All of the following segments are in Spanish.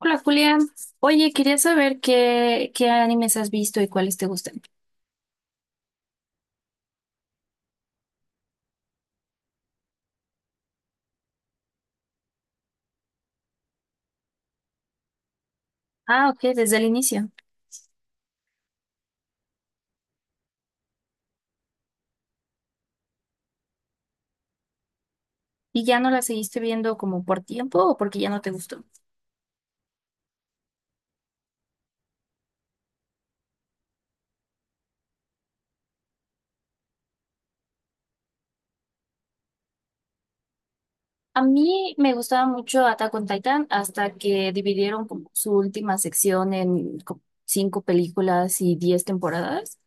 Hola Julián, oye, quería saber qué animes has visto y cuáles te gustan. Ah, ok, desde el inicio. ¿Y ya no la seguiste viendo como por tiempo o porque ya no te gustó? A mí me gustaba mucho Attack on Titan hasta que dividieron como su última sección en como cinco películas y diez temporadas.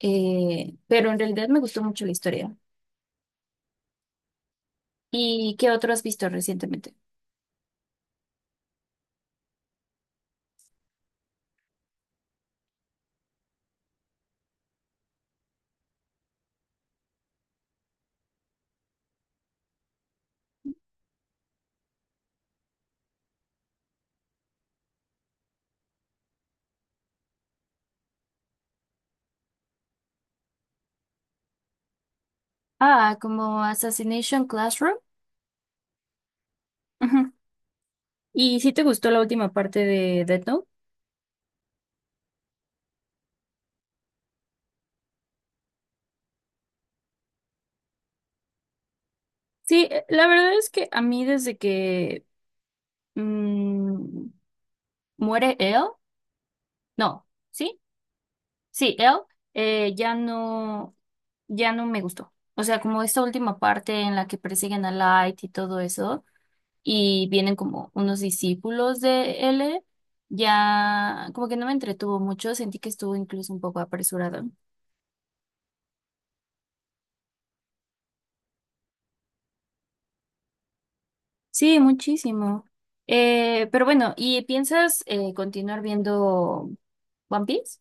Pero en realidad me gustó mucho la historia. ¿Y qué otro has visto recientemente? Ah, como Assassination Classroom. Ujú. ¿Y si te gustó la última parte de Death Note? Sí, la verdad es que a mí desde que mm, muere él, no, ¿sí? Sí, él eh, ya no, ya no me gustó. O sea, como esta última parte en la que persiguen a Light y todo eso, y vienen como unos discípulos de él, ya como que no me entretuvo mucho, sentí que estuvo incluso un poco apresurado. Sí, muchísimo. Pero bueno, ¿y piensas continuar viendo One Piece?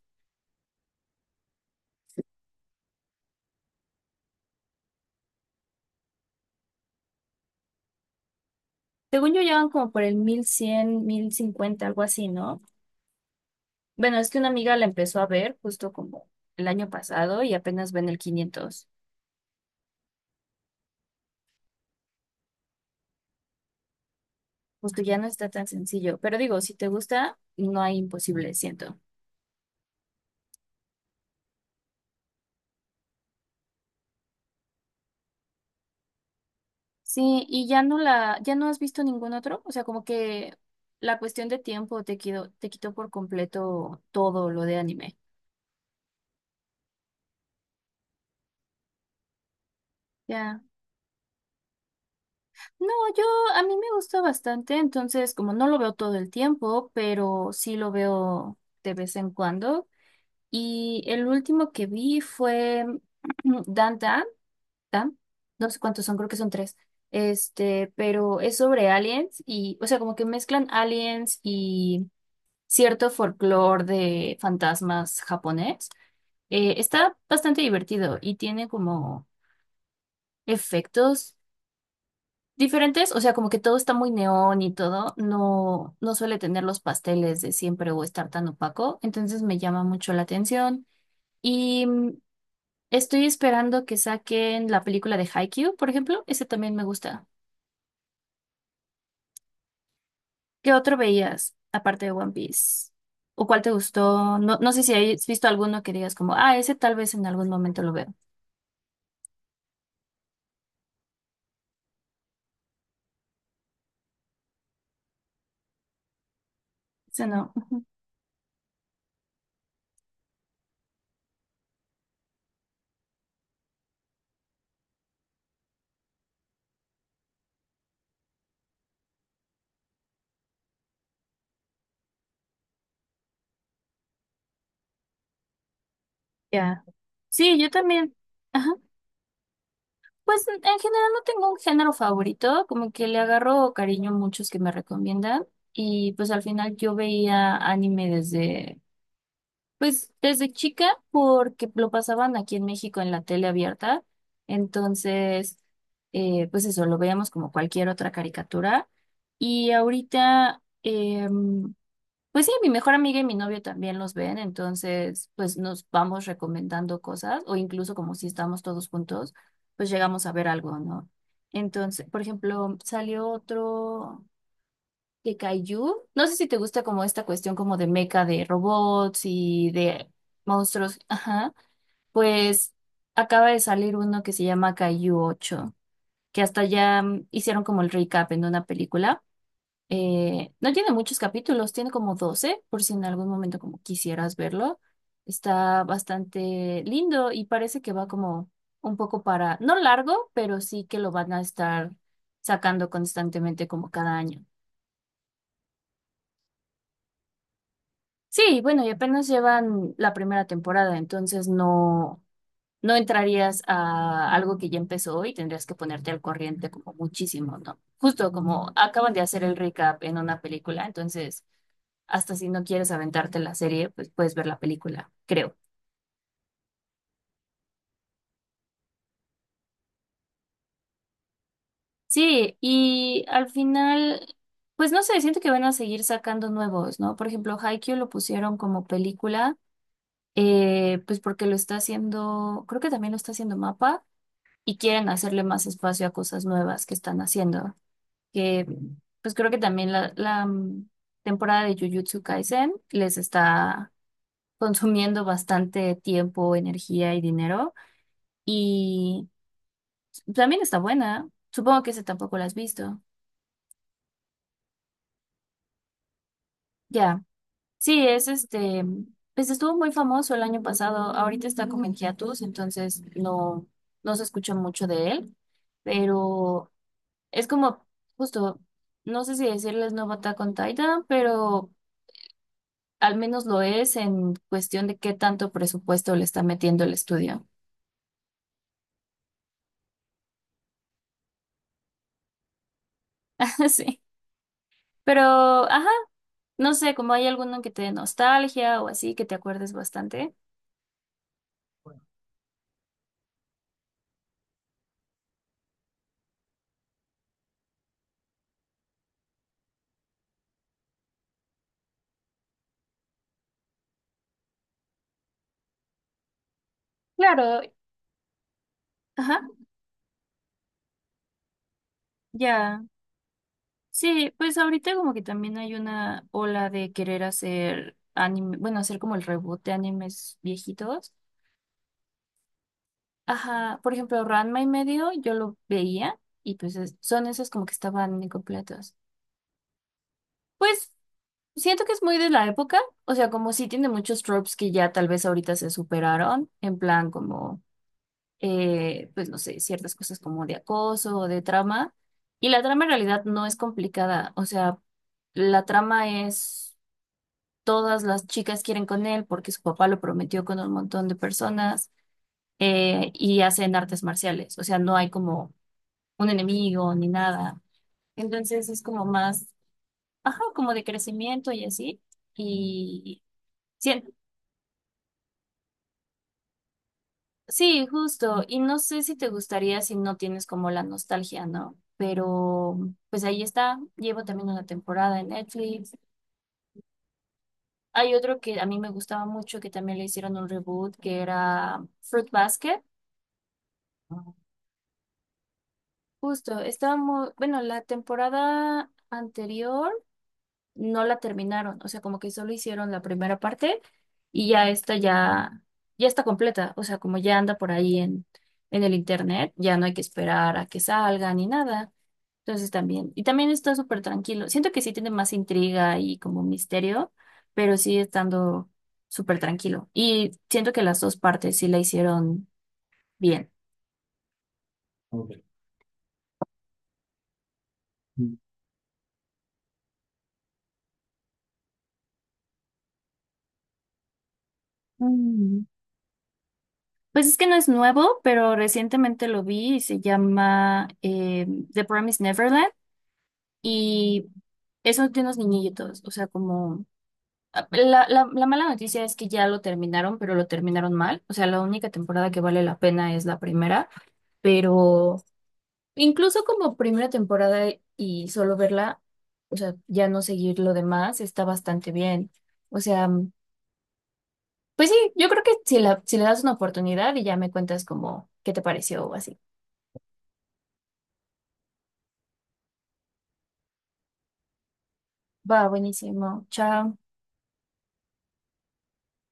Según yo, llevan como por el mil cien mil cincuenta algo así, ¿no? Bueno, es que una amiga la empezó a ver justo como el año pasado y apenas ven el 500. Justo ya no está tan sencillo. Pero digo, si te gusta, no hay imposible, siento. Sí, y ya no la, ya no has visto ningún otro. O sea, como que la cuestión de tiempo te quitó por completo todo lo de anime. Ya. No, yo, a mí me gusta bastante, entonces como no lo veo todo el tiempo, pero sí lo veo de vez en cuando. Y el último que vi fue Dan Dan, Dan, no sé cuántos son, creo que son tres. Este, pero es sobre aliens y, o sea, como que mezclan aliens y cierto folclore de fantasmas japonés. Está bastante divertido y tiene como efectos diferentes, o sea, como que todo está muy neón y todo, no, no suele tener los pasteles de siempre o estar tan opaco, entonces me llama mucho la atención. Y Estoy esperando que saquen la película de Haikyuu, por ejemplo. Ese también me gusta. ¿Qué otro veías aparte de One Piece? ¿O cuál te gustó? No, no sé si has visto alguno que digas como, ah, ese tal vez en algún momento lo veo. Ese no. Ya. Sí, yo también. Ajá. Pues en general no tengo un género favorito, como que le agarro cariño a muchos que me recomiendan. Y pues al final yo veía anime desde pues desde chica, porque lo pasaban aquí en México en la tele abierta, entonces, pues eso, lo veíamos como cualquier otra caricatura. Y ahorita, pues sí, mi mejor amiga y mi novio también los ven, entonces, pues nos vamos recomendando cosas, o incluso como si estamos todos juntos, pues llegamos a ver algo, ¿no? Entonces, por ejemplo, salió otro de Kaiju. No sé si te gusta como esta cuestión como de meca de robots y de monstruos. Ajá. Pues acaba de salir uno que se llama Kaiju ocho, que hasta ya hicieron como el recap en una película. No tiene muchos capítulos, tiene como 12, por si en algún momento como quisieras verlo. Está bastante lindo y parece que va como un poco para, no largo, pero sí que lo van a estar sacando constantemente como cada año. Sí, bueno, y apenas llevan la primera temporada, entonces no, no entrarías a algo que ya empezó y tendrías que ponerte al corriente como muchísimo, ¿no? Justo como acaban de hacer el recap en una película, entonces hasta si no quieres aventarte la serie, pues puedes ver la película, creo. Sí, y al final, pues no sé, siento que van a seguir sacando nuevos, ¿no? Por ejemplo, Haikyuu lo pusieron como película, pues porque lo está haciendo, creo que también lo está haciendo MAPA. Y quieren hacerle más espacio a cosas nuevas que están haciendo. Que pues creo que también la temporada de Jujutsu Kaisen les está consumiendo bastante tiempo, energía y dinero. Y también está buena. Supongo que ese tampoco la has visto. Ya. Sí, es este. Pues estuvo muy famoso el año pasado. Ahorita está como en hiatus, entonces no, no se escucha mucho de él. Pero es como, justo, no sé si decirles nuevo Attack on Titan, pero al menos lo es en cuestión de qué tanto presupuesto le está metiendo el estudio. Sí. Pero, ajá, no sé, como hay alguno que te dé nostalgia o así, que te acuerdes bastante. Claro, ajá, ya. Sí, pues ahorita como que también hay una ola de querer hacer anime, bueno, hacer como el reboot de animes viejitos. Ajá, por ejemplo, Ranma y medio yo lo veía y pues es- son esos como que estaban incompletos. Pues siento que es muy de la época, o sea, como sí tiene muchos tropes que ya tal vez ahorita se superaron, en plan como, pues no sé, ciertas cosas como de acoso o de trama. Y la trama en realidad no es complicada, o sea, la trama es todas las chicas quieren con él porque su papá lo prometió con un montón de personas y hacen artes marciales, o sea, no hay como un enemigo ni nada. Entonces es como más, ajá, como de crecimiento y así. Y sí, sí, justo. Y no sé si te gustaría si no tienes como la nostalgia, ¿no? Pero pues ahí está. Llevo también una temporada en Netflix. Hay otro que a mí me gustaba mucho que también le hicieron un reboot que era Fruit Basket. Justo, estaba muy, bueno, la temporada anterior no la terminaron, o sea, como que solo hicieron la primera parte y ya esta ya, ya está completa, o sea, como ya anda por ahí en el internet, ya no hay que esperar a que salga ni nada. Entonces también, y también está súper tranquilo. Siento que sí tiene más intriga y como misterio, pero sí estando súper tranquilo. Y siento que las dos partes sí la hicieron bien. Ok. Mm. Pues es que no es nuevo, pero recientemente lo vi y se llama The Promised Neverland, y eso de unos niñitos, o sea, como ah, la mala noticia es que ya lo terminaron, pero lo terminaron mal, o sea, la única temporada que vale la pena es la primera, pero incluso como primera temporada y solo verla, o sea, ya no seguir lo demás está bastante bien, o sea, pues sí, yo creo que si la, si le das una oportunidad y ya me cuentas como qué te pareció o así. Va, buenísimo. Chao.